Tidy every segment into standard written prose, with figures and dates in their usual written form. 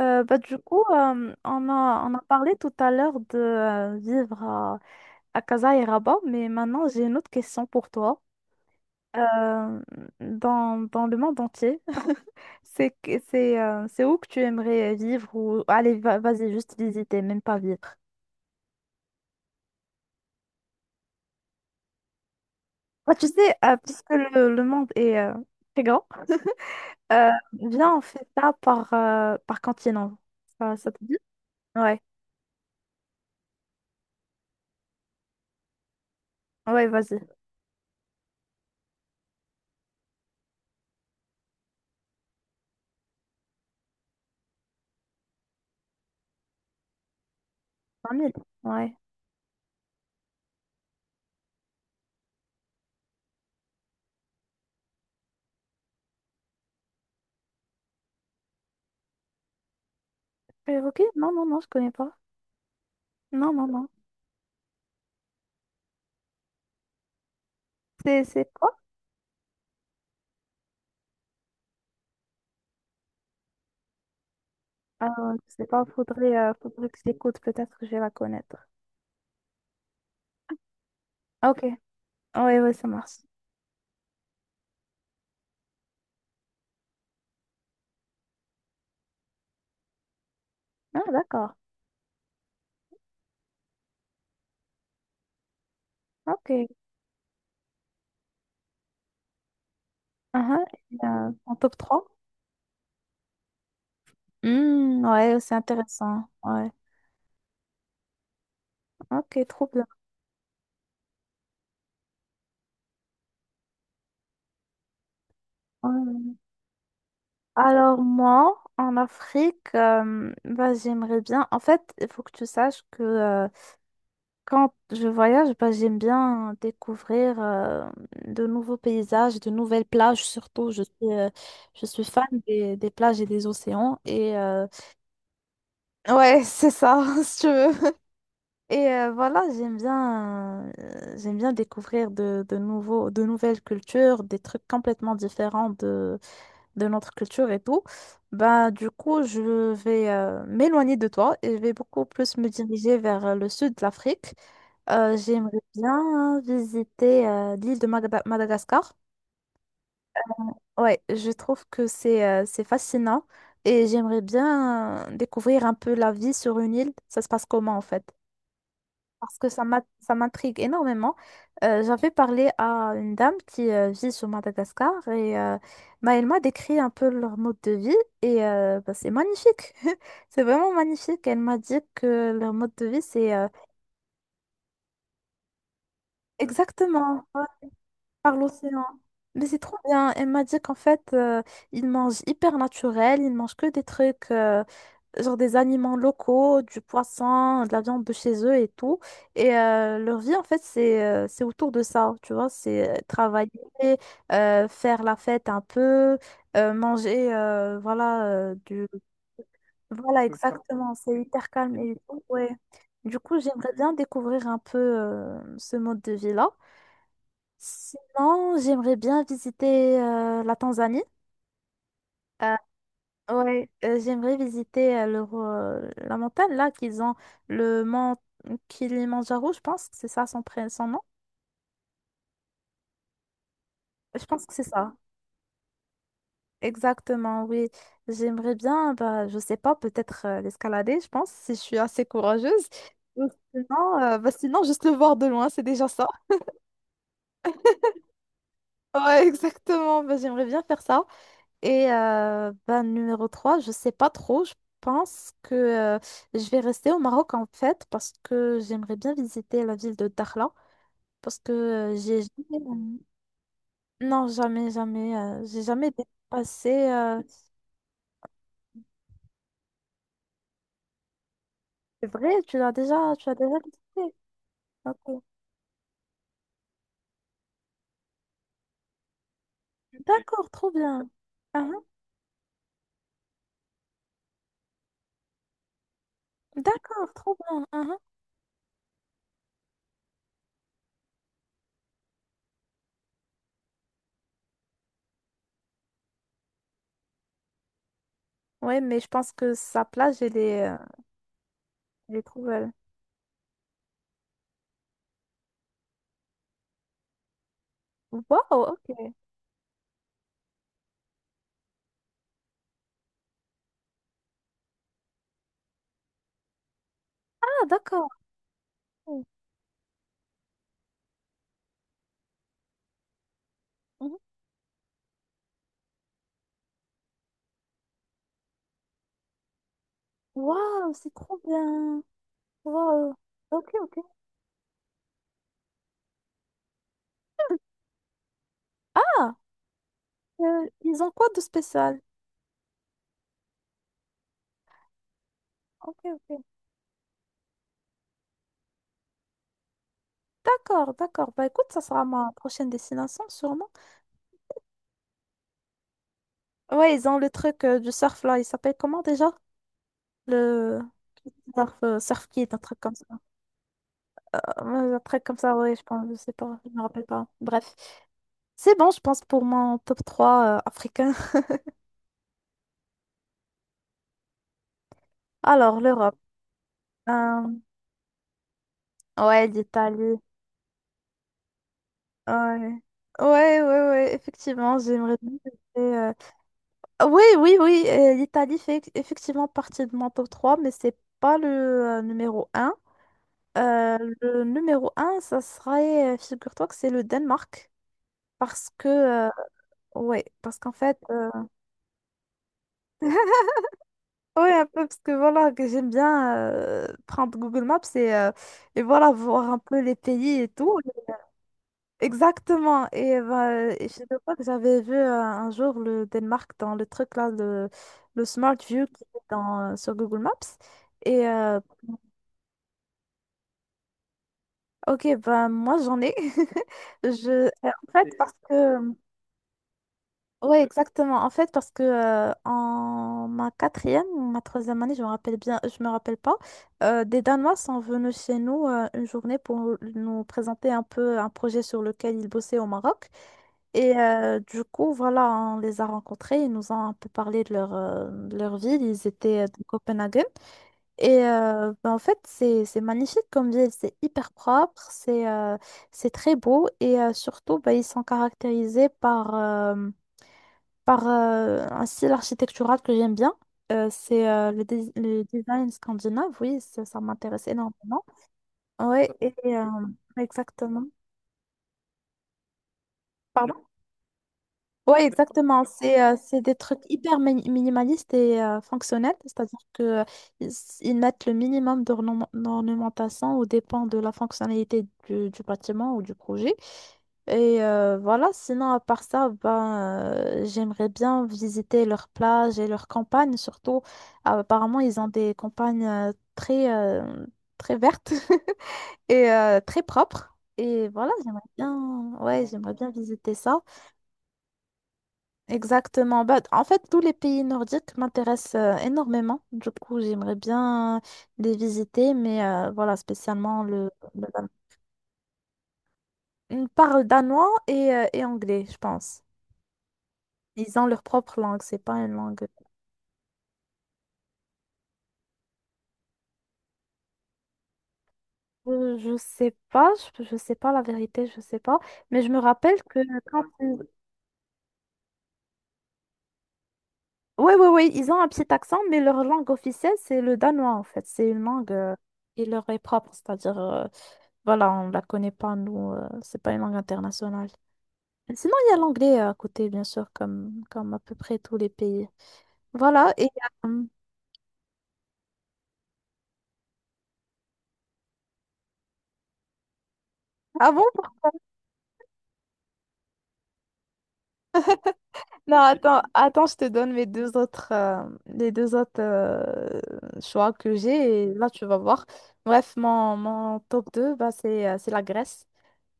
Bah, du coup, on a parlé tout à l'heure de vivre à Casa et Rabat, mais maintenant j'ai une autre question pour toi. Euh, dans le monde entier, c'est où que tu aimerais vivre ou allez, vas-y, juste visiter, même pas vivre. Bah, tu sais, puisque le monde est très grand. Viens, on fait ça par continent. Ça te dit? Ouais, ouais, vas-y. 20 000, ouais. Ok, non, non, non, je connais pas. Non, non, non. C'est quoi? Ah, je sais pas, faudrait que j'écoute, peut-être que je vais la connaître. Ah, ok, oui, oui, ça marche. Ah, d'accord. Ok. Ah, ah, en top trois. Hmm, ouais, c'est intéressant. Ouais. Ok, trop bien. Ouais. Alors moi, en Afrique, bah, j'aimerais bien. En fait, il faut que tu saches que quand je voyage, bah, j'aime bien découvrir de nouveaux paysages, de nouvelles plages surtout. Je suis fan des plages et des océans. Et ouais, c'est ça, si tu veux. Et voilà, j'aime bien découvrir de nouvelles cultures, des trucs complètement différents de notre culture et tout. Bah, du coup, je vais m'éloigner de toi et je vais beaucoup plus me diriger vers le sud de l'Afrique. J'aimerais bien visiter l'île de Madagascar. Ouais, je trouve que c'est fascinant et j'aimerais bien découvrir un peu la vie sur une île. Ça se passe comment en fait? Parce que ça m'intrigue énormément. J'avais parlé à une dame qui vit sur Madagascar et bah, elle m'a décrit un peu leur mode de vie et bah, c'est magnifique. C'est vraiment magnifique. Elle m'a dit que leur mode de vie, c'est, exactement, ouais, par l'océan. Mais c'est trop bien. Elle m'a dit qu'en fait, ils mangent hyper naturel, ils mangent que des trucs, genre des aliments locaux, du poisson, de la viande de chez eux et tout. Et leur vie, en fait, c'est autour de ça, tu vois, c'est travailler, faire la fête un peu, manger, voilà, du. Voilà, c'est ça, exactement, c'est hyper calme et tout, ouais. Du coup, j'aimerais bien découvrir un peu ce mode de vie-là. Sinon, j'aimerais bien visiter la Tanzanie. Euh, Ouais, j'aimerais visiter la montagne là qu'ils ont, le mont Kilimanjaro, je pense que c'est ça son nom. Je pense que c'est ça. Exactement, oui. J'aimerais bien, bah, je sais pas, peut-être l'escalader, je pense, si je suis assez courageuse. Ou sinon, juste le voir de loin, c'est déjà ça. Ouais, exactement, bah, j'aimerais bien faire ça. Et ben, numéro trois, je sais pas trop. Je pense que je vais rester au Maroc, en fait, parce que j'aimerais bien visiter la ville de Dakhla parce que j'ai jamais. Non, jamais, jamais. J'ai jamais dépassé. C'est vrai, tu l'as déjà visité. Ok. D'accord, trop bien. Uhum. D'accord, trop bien. Uhum. Ouais, mais je pense que sa plage, elle est trop belle. Waouh, ok. Ah, d'accord. Mhm. Waouh, c'est trop bien. Wow. Ok, ok. Ah, ils ont quoi de spécial? Ok, ok. D'accord, d'accord. Bah écoute, ça sera ma prochaine destination, sûrement. Ouais, ils ont le truc du surf là. Il s'appelle comment déjà? Le surf, surf kit, un truc comme ça. Un truc comme ça, ouais, je pense, je sais pas, je me rappelle pas. Bref. C'est bon, je pense, pour mon top trois africain. Alors, l'Europe. Euh, ouais, l'Italie. Ouais. Ouais, ouais, ouais, effectivement, j'aimerais bien visiter. Oui, oui, oui, l'Italie fait effectivement partie de mon top 3, mais c'est pas le numéro un. Le numéro un, ça serait, figure-toi que c'est le Danemark. Parce que, ouais, parce qu'en fait, ouais, un peu, parce que voilà, que j'aime bien prendre Google Maps et voilà, voir un peu les pays et tout. Exactement. Et bah, je sais pas que j'avais vu un jour le Danemark dans le truc là, le Smart View qui est dans, sur Google Maps. Et ok, bah, moi j'en ai. Je, en fait, parce que ouais, exactement. En fait, parce que en ma quatrième ou ma troisième année, je me rappelle bien, je me rappelle pas, des Danois sont venus chez nous une journée pour nous présenter un peu un projet sur lequel ils bossaient au Maroc. Et du coup, voilà, on les a rencontrés, ils nous ont un peu parlé de leur ville, ils étaient de Copenhague. Et ben, en fait, c'est magnifique comme ville, c'est hyper propre, c'est très beau et surtout, ben, ils sont caractérisés par un style architectural que j'aime bien. C'est le design scandinave, oui, ça m'intéresse énormément. Oui, et exactement. Ouais, exactement. C'est des trucs hyper minimalistes et fonctionnels, c'est-à-dire que ils, ils mettent le minimum d'ornementation au dépend de la fonctionnalité du bâtiment ou du projet. Et voilà, sinon à part ça, ben, j'aimerais bien visiter leurs plages et leurs campagnes, surtout apparemment ils ont des campagnes très vertes et très propres. Et voilà, j'aimerais bien, ouais, j'aimerais bien visiter ça. Exactement. Bah, en fait, tous les pays nordiques m'intéressent énormément. Du coup, j'aimerais bien les visiter, mais voilà, spécialement le Dan-. Ils parlent danois et anglais, je pense. Ils ont leur propre langue, c'est pas une langue. Je sais pas, je sais pas la vérité, je sais pas. Mais je me rappelle que quand ils... Oui, oui, oui, ils ont un petit accent, mais leur langue officielle, c'est le danois, en fait. C'est une langue qui leur est propre, c'est-à-dire, voilà, on la connaît pas, nous, c'est pas une langue internationale. Sinon, il y a l'anglais à côté, bien sûr, comme à peu près tous les pays. Voilà. Et, euh, ah bon? Non, attends, attends, je te donne les deux autres choix que j'ai et là, tu vas voir. Bref, mon top deux, bah, c'est la Grèce.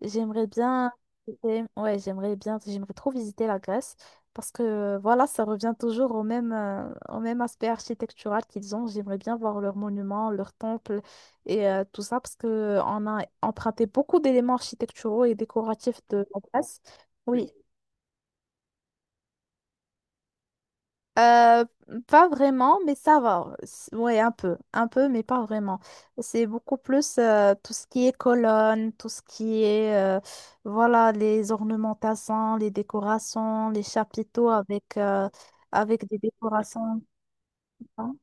J'aimerais bien, ouais, j'aimerais bien, j'aimerais trop visiter la Grèce parce que voilà, ça revient toujours au même aspect architectural qu'ils ont. J'aimerais bien voir leurs monuments, leurs temples et tout ça parce que on a emprunté beaucoup d'éléments architecturaux et décoratifs de la Grèce. Oui, Euh, pas vraiment, mais ça va. Ouais, un peu, mais pas vraiment. C'est beaucoup plus tout ce qui est colonnes, tout ce qui est, voilà, les ornementations, les décorations, les chapiteaux avec des décorations. Hein.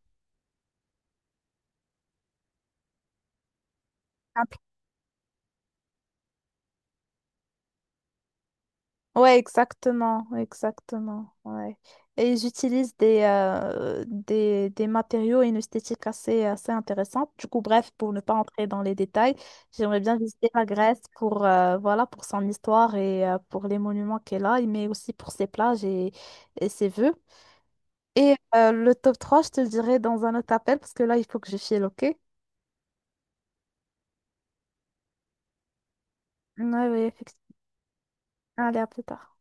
Ouais, exactement, exactement, ouais. Et j'utilise des matériaux et une esthétique assez, assez intéressante. Du coup, bref, pour ne pas entrer dans les détails, j'aimerais bien visiter la Grèce pour, voilà, pour son histoire et pour les monuments qu'elle a, mais aussi pour ses plages et ses vœux. Et le top 3 je te le dirai dans un autre appel parce que là, il faut que je file, ok? Ouais, ouais, effectivement. Allez, à plus tard.